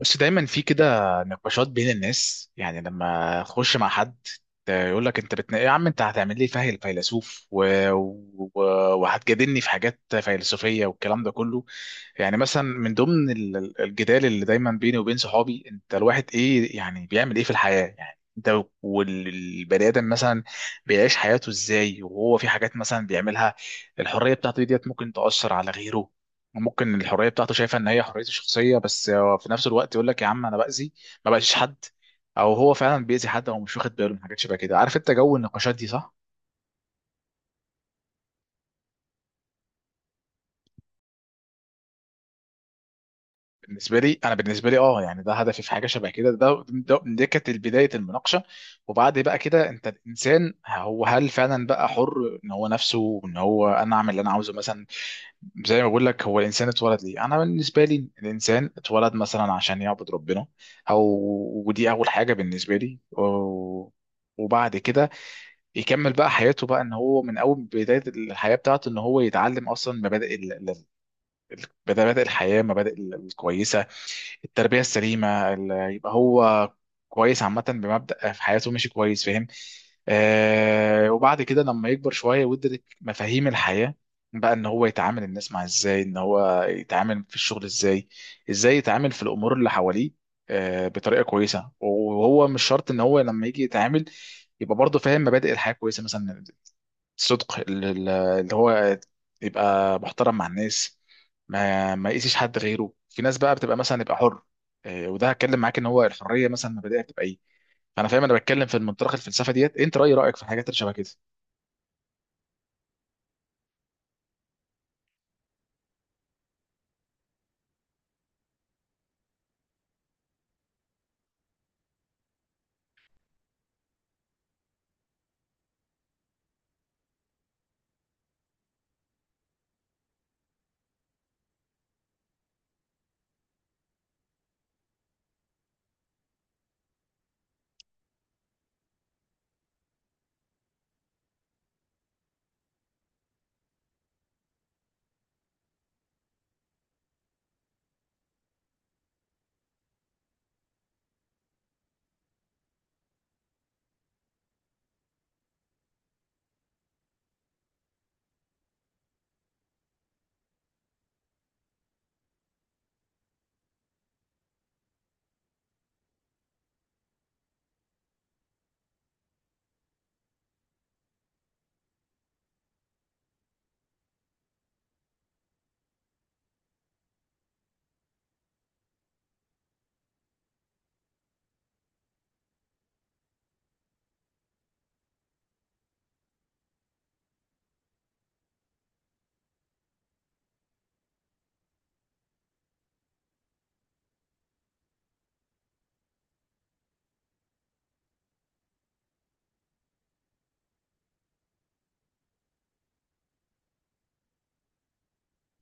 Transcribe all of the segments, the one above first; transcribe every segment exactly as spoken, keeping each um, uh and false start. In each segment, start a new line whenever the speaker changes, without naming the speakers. بس دايما في كده نقاشات بين الناس، يعني لما اخش مع حد يقول لك انت بتنا... يا عم انت هتعمل لي فهل فيلسوف و... و... وهتجادلني في حاجات فيلسوفيه والكلام ده كله. يعني مثلا من ضمن ال- ال- الجدال اللي دايما بيني وبين صحابي، انت الواحد ايه يعني بيعمل ايه في الحياه؟ يعني انت والبني ادم مثلا بيعيش حياته ازاي وهو في حاجات مثلا بيعملها؟ الحريه بتاعته ديت ممكن تاثر على غيره. ممكن الحريه بتاعته شايفه ان هي حريته الشخصيه، بس هو في نفس الوقت يقول لك يا عم انا باذي ما باذيش حد، او هو فعلا بيأذي حد هو مش واخد باله من حاجات شبه كده. عارف انت جو النقاشات دي؟ صح. بالنسبه لي انا، بالنسبه لي اه يعني ده هدفي في حاجه شبه كده. ده ده دي كانت بدايه المناقشه. وبعد بقى كده انت الانسان هو هل فعلا بقى حر ان هو نفسه، ان هو انا اعمل اللي انا عاوزه مثلا؟ زي ما بقول لك، هو الانسان اتولد ليه؟ انا بالنسبه لي الانسان اتولد مثلا عشان يعبد ربنا او، ودي اول حاجه بالنسبه لي و- وبعد كده يكمل بقى حياته، بقى ان هو من اول بدايه الحياه بتاعته ان هو يتعلم اصلا مبادئ مبادئ الحياة، مبادئ الكويسة، التربية السليمة ال- يبقى هو كويس عامة بمبدأ في حياته ماشي كويس، فاهم؟ آه، وبعد كده لما يكبر شوية ويدرك مفاهيم الحياة، بقى ان هو يتعامل الناس مع ازاي، ان هو يتعامل في الشغل ازاي، ازاي يتعامل في الامور اللي حواليه، آه بطريقة كويسة. وهو مش شرط ان هو لما يجي يتعامل يبقى برضه فاهم مبادئ الحياة كويسة مثلا، صدق اللي هو، يبقى محترم مع الناس، ما ما يقيسش حد غيره. في ناس بقى بتبقى مثلا يبقى حر إيه، وده هتكلم معاك ان هو الحريه مثلا مبادئها بتبقى ايه. فانا فاهم، انا بتكلم في منطلق الفلسفه ديت، انت راي رايك في الحاجات اللي شبه كده؟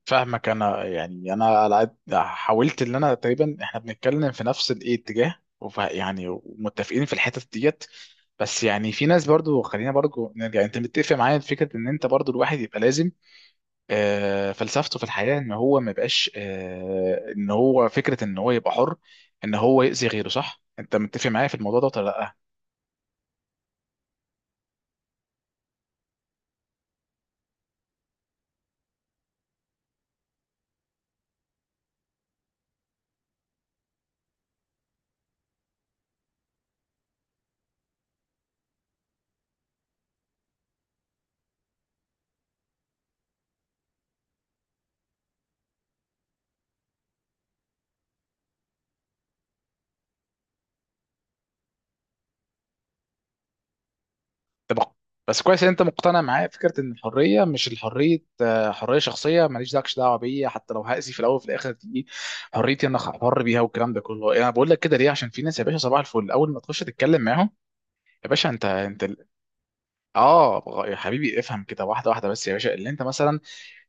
فاهمك. انا يعني انا على قد حاولت ان انا تقريبا احنا بنتكلم في نفس الايه اتجاه، وف- يعني متفقين في الحتت ديت. بس يعني في ناس برضو، خلينا برضو نرجع، انت متفق معايا في فكره ان انت برضو الواحد يبقى لازم آه، فلسفته في الحياة ان هو ما بقاش آه، ان هو فكرة ان هو يبقى حر ان هو يأذي غيره؟ صح؟ انت متفق معايا في الموضوع ده ولا لا؟ طب بس كويس ان انت مقتنع معايا فكرة ان الحرية مش الحرية آه، حرية شخصية ماليش داكش دعوة بيا حتى لو هأذي، في الاول وفي الاخر دي حريتي انا حر بيها والكلام ده كله. انا بقول لك كده ليه؟ عشان في ناس يا باشا صباح الفل اول ما تخش تتكلم معاهم، يا باشا انت انت ال- اه يا حبيبي افهم كده واحدة واحدة. بس يا باشا اللي انت مثلا،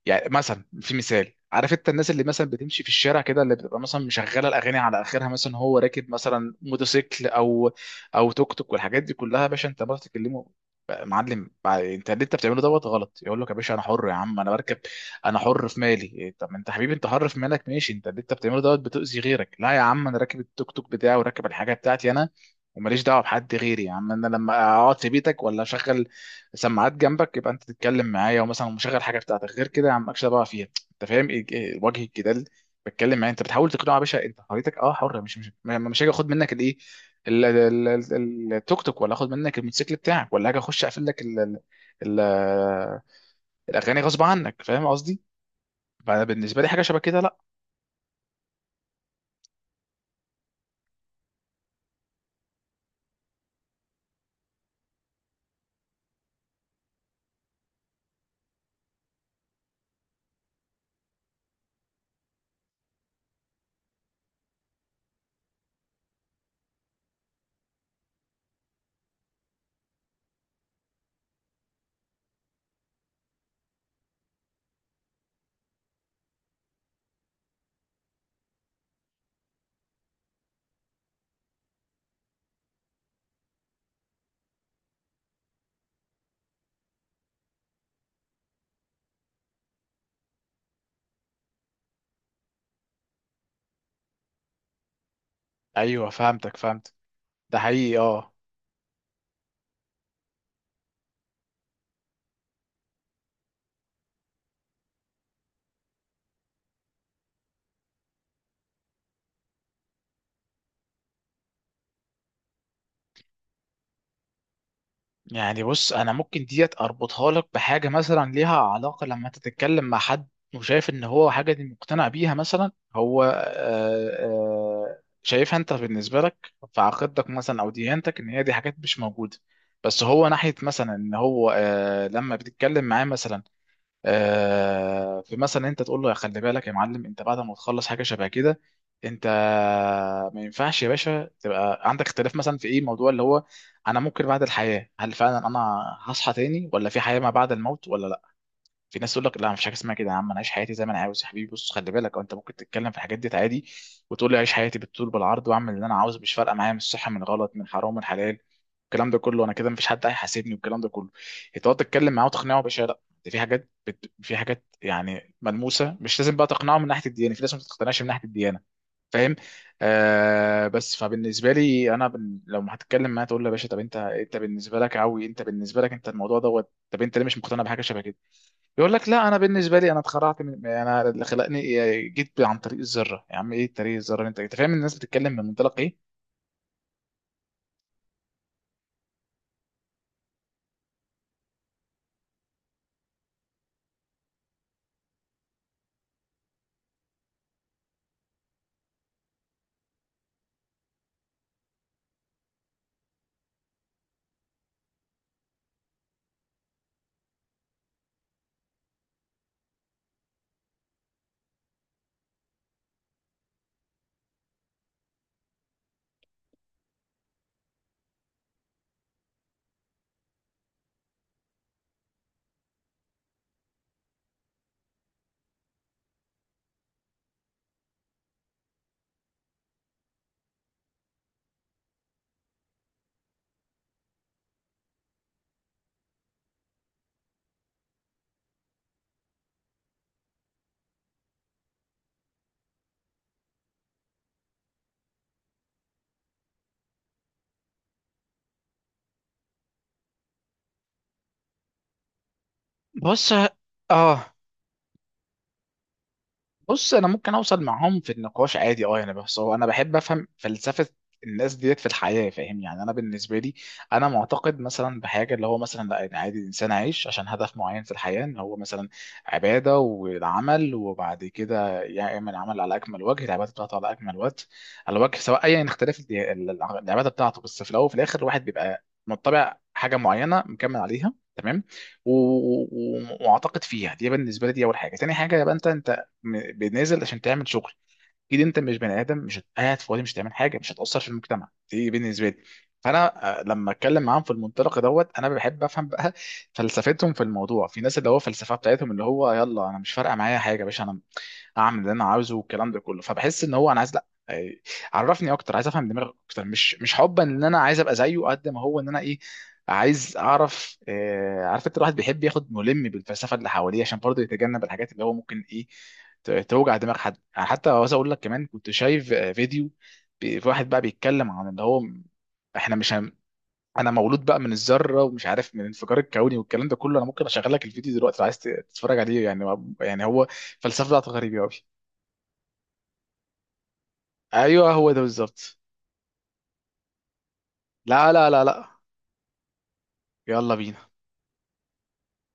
يعني مثلا في مثال، عارف انت الناس اللي مثلا بتمشي في الشارع كده اللي بتبقى مثلا مشغله الاغاني على اخرها، مثلا هو راكب مثلا موتوسيكل او او توك توك والحاجات دي كلها، يا باشا انت ما بتتكلمه بقى معلم بقى انت اللي انت بتعمله دوت غلط؟ يقول لك يا باشا انا حر يا عم انا بركب، انا حر في مالي إيه، طب انت حبيبي انت حر في مالك ماشي، انت اللي انت بتعمله دوت بتؤذي غيرك. لا يا عم انا راكب التوك توك بتاعي وراكب الحاجه بتاعتي انا، وماليش دعوه بحد غيري. يا عم انا لما اقعد في بيتك ولا اشغل سماعات جنبك يبقى انت تتكلم معايا ومثلا مشغل حاجه بتاعتك غير كده، يا عم مالكش دعوه فيها. انت فاهم ايه إيه وجه الجدال؟ بتكلم معايا انت بتحاول تقنعه يا باشا انت حريتك اه حر، مش مش م- مش هاجي اخد منك الايه ال- ال- ال- ال- التوك توك، ولا اخد منك الموتوسيكل بتاعك، ولا هاجي اخش اقفل لك ال- ال- ال- الاغاني غصب عنك، فاهم قصدي؟ فانا بالنسبه لي حاجه شبه كده لا. ايوه فهمتك، فهمت. ده حقيقي اه. يعني بص انا ممكن ديت اربطها لك بحاجه مثلا ليها علاقه، لما انت تتكلم مع حد وشايف ان هو حاجه دي مقتنع بيها مثلا، هو آه، آه، شايفها انت بالنسبه لك في عقيدتك مثلا او ديانتك ان هي دي حاجات مش موجوده، بس هو ناحيه مثلا ان هو آه، لما بتتكلم معاه مثلا آه، فمثلا انت تقول له يا خلي بالك يا معلم، انت بعد ما تخلص حاجه شبه كده انت ما ينفعش يا باشا تبقى عندك اختلاف مثلا في ايه موضوع اللي هو انا ممكن بعد الحياه هل فعلا انا هصحى تاني ولا في حياه ما بعد الموت ولا. في ناس تقول لك لا مفيش حاجه اسمها كده، يا عم انا عايش حياتي زي ما انا عاوز. يا حبيبي بص خلي بالك، أو انت ممكن تتكلم في الحاجات دي عادي وتقول لي عايش حياتي بالطول بالعرض واعمل اللي انا عاوزه، مش فارقه معايا من الصح من غلط من حرام من حلال، الكلام ده كله، انا كده مفيش حد هيحاسبني والكلام ده كله. تقعد تتكلم معاه وتقنعه باشا لا ده في حاجات بت... في حاجات يعني ملموسه، مش لازم بقى تقنعه من ناحيه الديانه، في ناس ما تقتنعش من ناحيه الديانه، فاهم؟ آه، بس فبالنسبه لي انا بن... لو ما هتتكلم معاه تقول له يا باشا، طب انت انت بالنسبه لك عوي، انت بالنسبه لك انت الموضوع دوت، طب انت ليه مش مقتنع بحاجه شبه كده؟ يقول لك لا انا بالنسبه لي انا اتخرعت من، يعني انا اللي خلقني إيه، جيت عن طريق الذره. يا عم ايه طريق الذره اللي انت انت فاهم الناس بتتكلم من منطلق ايه. بص اه. بص انا ممكن اوصل معاهم في النقاش عادي اه يعني، بس هو انا بحب افهم فلسفه الناس ديت في الحياه، فاهم يعني؟ انا بالنسبه لي، انا معتقد مثلا بحاجه اللي هو مثلا لا، إن عادي الانسان عايش عشان هدف معين في الحياه، ان هو مثلا عباده والعمل، وبعد كده يعمل عمل على اكمل وجه، العباده بتاعته على اكمل وجه، على وجه سواء ايا يعني اختلاف ال- ال- العباده بتاعته، بس في الاول وفي الاخر الواحد بيبقى متبع حاجه معينه مكمل عليها تمام، و- و- و- واعتقد فيها. دي بالنسبه لي دي اول حاجه. تاني حاجه يبقى انت انت م- بنازل عشان تعمل شغل، اكيد انت مش بني ادم مش هت- قاعد فاضي مش هتعمل حاجه مش هتاثر في المجتمع، دي بالنسبه لي. فانا آه، لما اتكلم معاهم في المنطلق دوت انا بحب افهم بقى فلسفتهم في الموضوع. في ناس اللي هو فلسفه بتاعتهم اللي هو يلا انا مش فارقه معايا حاجه يا باشا، انا اعمل اللي انا عاوزه والكلام ده كله، فبحس ان هو انا عايز لا آه، عرفني اكتر، عايز افهم دماغك اكتر، مش مش حبا ان انا عايز ابقى زيه قد ما هو ان انا ايه، عايز اعرف آه، عارف انت الواحد بيحب ياخد ملم بالفلسفه اللي حواليه عشان برضه يتجنب الحاجات اللي هو ممكن ايه ت- توجع دماغ حد يعني. حتى عاوز اقول لك كمان، كنت شايف آه، فيديو، ب- في واحد بقى بيتكلم عن اللي هو م- احنا مش هم... انا مولود بقى من الذره ومش عارف من الانفجار الكوني والكلام ده كله. انا ممكن اشغل لك الفيديو دلوقتي لو عايز ت- تتفرج عليه، يعني يعني هو الفلسفه بتاعته غريبه قوي. ايوه هو ده بالظبط. لا لا لا لا، يلا بينا.